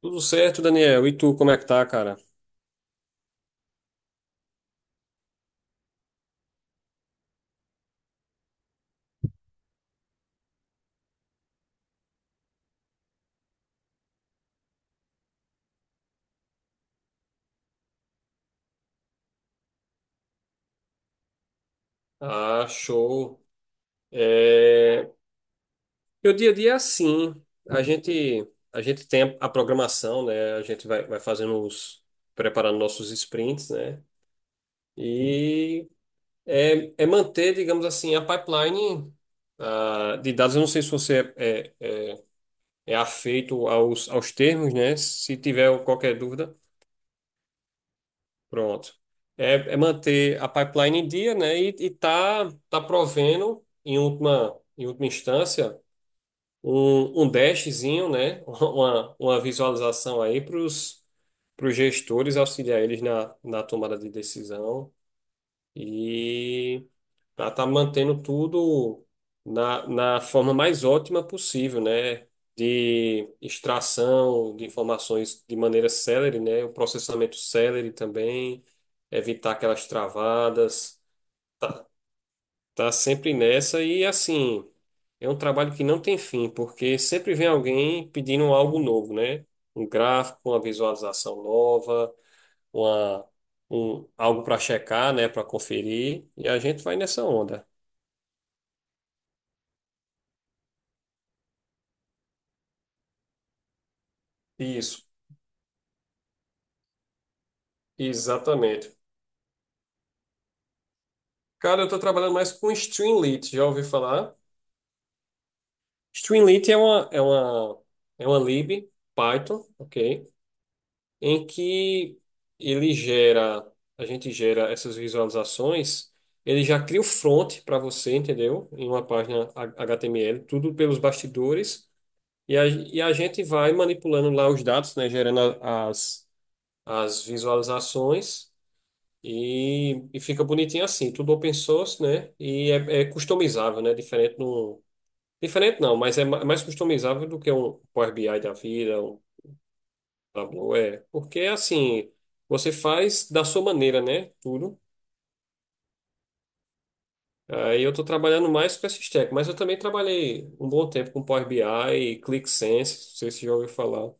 Tudo certo, Daniel? E tu, como é que tá, cara? Ah, show. É... Meu dia a dia é assim. A gente, a gente tem a programação, né? A gente vai fazendo os... preparando nossos sprints, né? E é manter, digamos assim, a pipeline de dados. Eu não sei se você é afeito aos termos, né? Se tiver qualquer dúvida. Pronto. É manter a pipeline em dia, né? E tá provendo, em última instância, um dashzinho, né? Uma visualização aí para os gestores auxiliar eles na tomada de decisão e para estar mantendo tudo na forma mais ótima possível, né? De extração de informações de maneira célere, né? O processamento célere também, evitar aquelas travadas. Tá sempre nessa e assim, é um trabalho que não tem fim, porque sempre vem alguém pedindo algo novo, né? Um gráfico, uma visualização nova uma, um, algo para checar, né, para conferir, e a gente vai nessa onda. Isso, exatamente. Cara, eu estou trabalhando mais com Streamlit, já ouvi falar? Streamlit é uma lib Python, ok? Em que ele gera, a gente gera essas visualizações, ele já cria o front para você, entendeu? Em uma página HTML, tudo pelos bastidores, e e a gente vai manipulando lá os dados, né, gerando as as visualizações e fica bonitinho assim, tudo open source, né? E é customizável, né? Diferente não, mas é é mais customizável do que um Power BI da vida, um Tableau, é, porque assim, você faz da sua maneira, né? Tudo. Aí eu tô trabalhando mais com esse stack, mas eu também trabalhei um bom tempo com Power BI e ClickSense, não sei se já ouviu falar.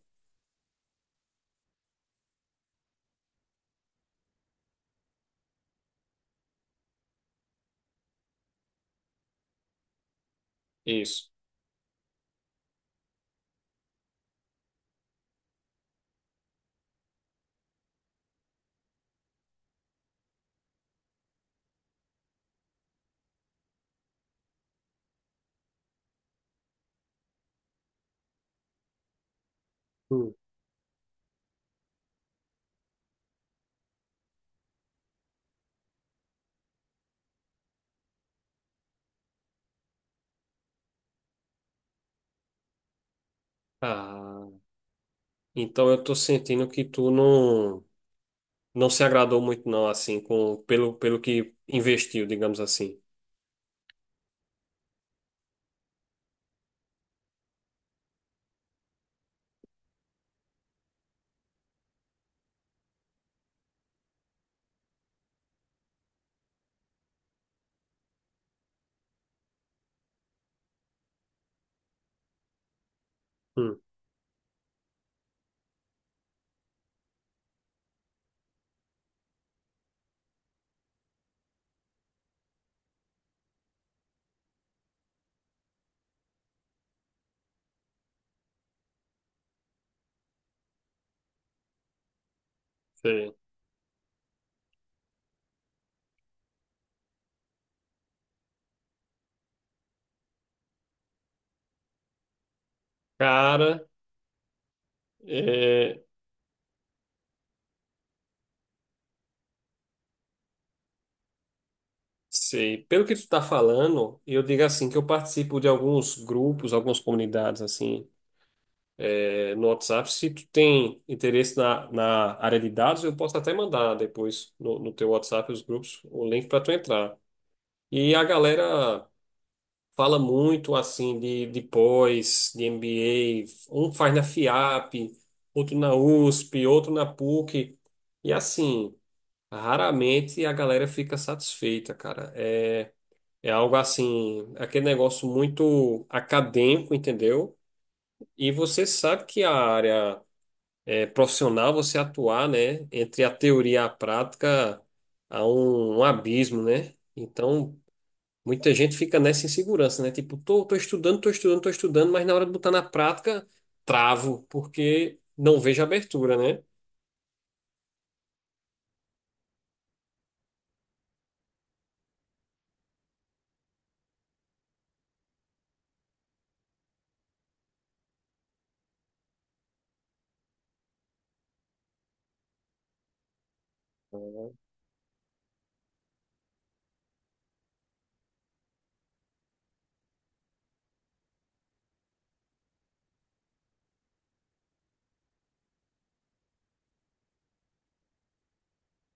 Isso. Hum. Ah, então eu tô sentindo que tu não se agradou muito não, assim, com pelo que investiu, digamos assim. Hum, sei. Cara, é, sei. Pelo que tu tá falando, eu digo assim que eu participo de alguns grupos, algumas comunidades assim, é, no WhatsApp. Se tu tem interesse na área de dados, eu posso até mandar depois no teu WhatsApp os grupos, o link para tu entrar. E a galera fala muito assim de pós, de MBA, um faz na FIAP, outro na USP, outro na PUC, e assim, raramente a galera fica satisfeita, cara. É, é algo assim, aquele negócio muito acadêmico, entendeu? E você sabe que a área profissional, você atuar, né, entre a teoria e a prática, há um abismo, né? Então, muita gente fica nessa insegurança, né? Tipo, tô estudando, tô estudando, tô estudando, mas na hora de botar na prática, travo, porque não vejo abertura, né?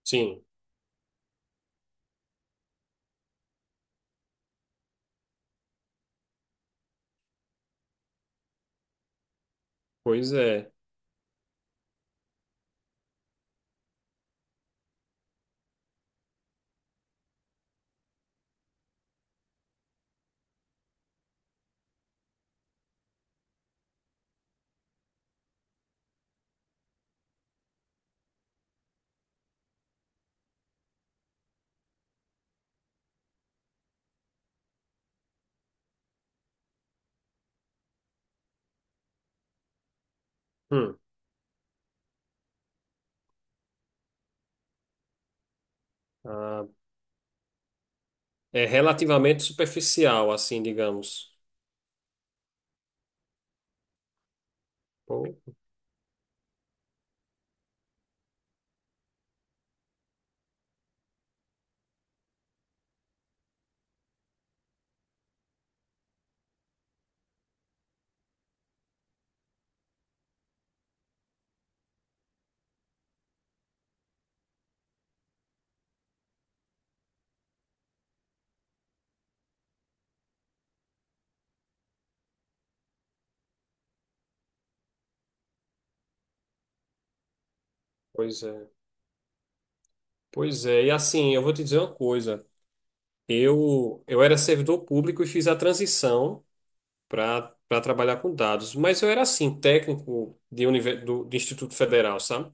Sim, pois é. Hum, ah, é relativamente superficial, assim, digamos. Pô, pois é. Pois é. E assim, eu vou te dizer uma coisa. Eu era servidor público e fiz a transição para trabalhar com dados, mas eu era assim, técnico de, do, de Instituto Federal, sabe?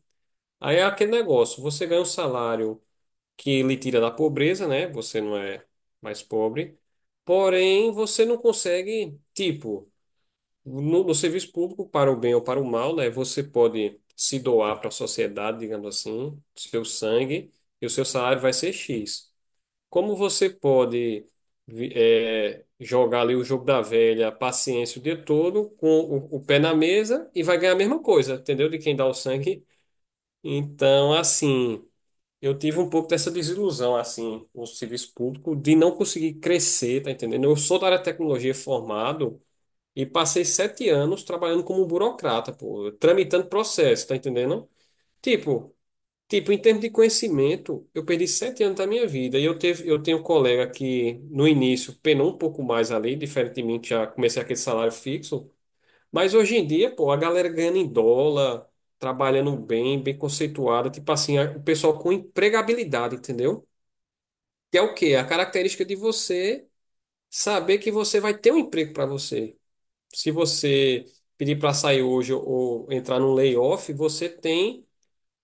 Aí é aquele negócio, você ganha um salário que lhe tira da pobreza, né? Você não é mais pobre. Porém, você não consegue, tipo, no serviço público, para o bem ou para o mal, né? Você pode se doar para a sociedade, digamos assim, seu sangue, e o seu salário vai ser X. Como você pode jogar ali o jogo da velha, paciência o dia todo, com o pé na mesa, e vai ganhar a mesma coisa, entendeu? De quem dá o sangue. Então, assim. Eu tive um pouco dessa desilusão, assim, no serviço público, de não conseguir crescer, tá entendendo? Eu sou da área de tecnologia formado e passei 7 anos trabalhando como burocrata, pô, tramitando processo, tá entendendo? Tipo, tipo, em termos de conhecimento, eu perdi 7 anos da minha vida e eu tenho um colega que no início penou um pouco mais ali, diferente de mim, que já comecei aquele salário fixo. Mas hoje em dia, pô, a galera ganhando em dólar, trabalhando bem, bem conceituada, tipo assim, o pessoal com empregabilidade, entendeu? Que é o quê? A característica de você saber que você vai ter um emprego para você. Se você pedir para sair hoje ou entrar num layoff, você tem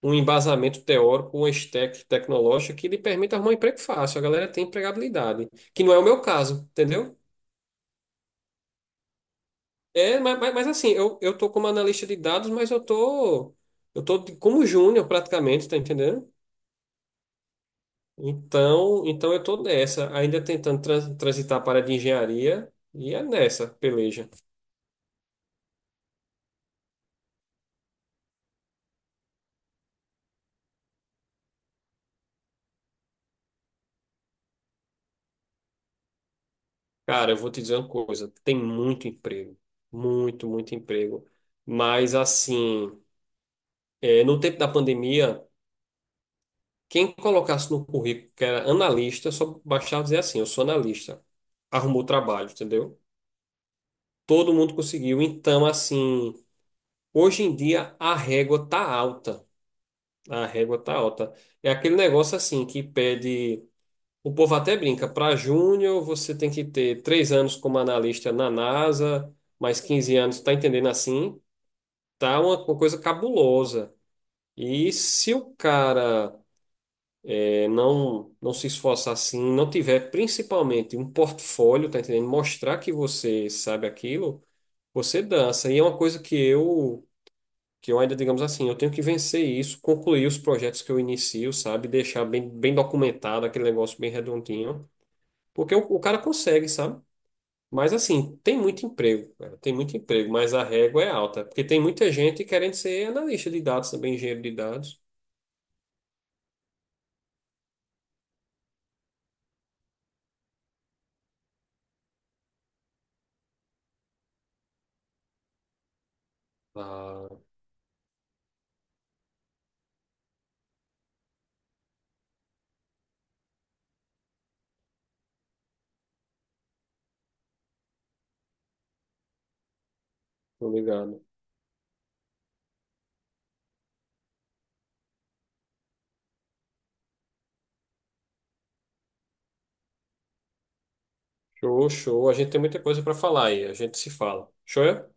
um embasamento teórico, um stack tecnológico que lhe permite arrumar um emprego fácil. A galera tem empregabilidade, que não é o meu caso, entendeu? É, mas assim, eu tô como analista de dados, mas eu tô como júnior praticamente, tá entendendo? Então eu tô nessa, ainda tentando transitar para a área de engenharia, e é nessa, peleja. Cara, eu vou te dizer uma coisa, tem muito emprego, muito, muito emprego. Mas assim, é, no tempo da pandemia, quem colocasse no currículo que era analista, só bastava dizer assim, eu sou analista, arrumou trabalho, entendeu? Todo mundo conseguiu, então assim... Hoje em dia a régua tá alta. A régua tá alta. É aquele negócio assim que pede. O povo até brinca, para júnior você tem que ter 3 anos como analista na NASA, mais 15 anos, tá entendendo assim? Tá uma coisa cabulosa. E se o cara não se esforçar assim, não tiver principalmente um portfólio, tá entendendo? Mostrar que você sabe aquilo, você dança. E é uma coisa que eu ainda, digamos assim, eu tenho que vencer isso, concluir os projetos que eu inicio, sabe? Deixar bem, bem documentado aquele negócio bem redondinho, porque o cara consegue, sabe? Mas assim, tem muito emprego, cara, tem muito emprego, mas a régua é alta, porque tem muita gente querendo ser analista de dados também, engenheiro de dados. Ah, tô ligado. Show, show. A gente tem muita coisa para falar aí, a gente se fala. Show? É?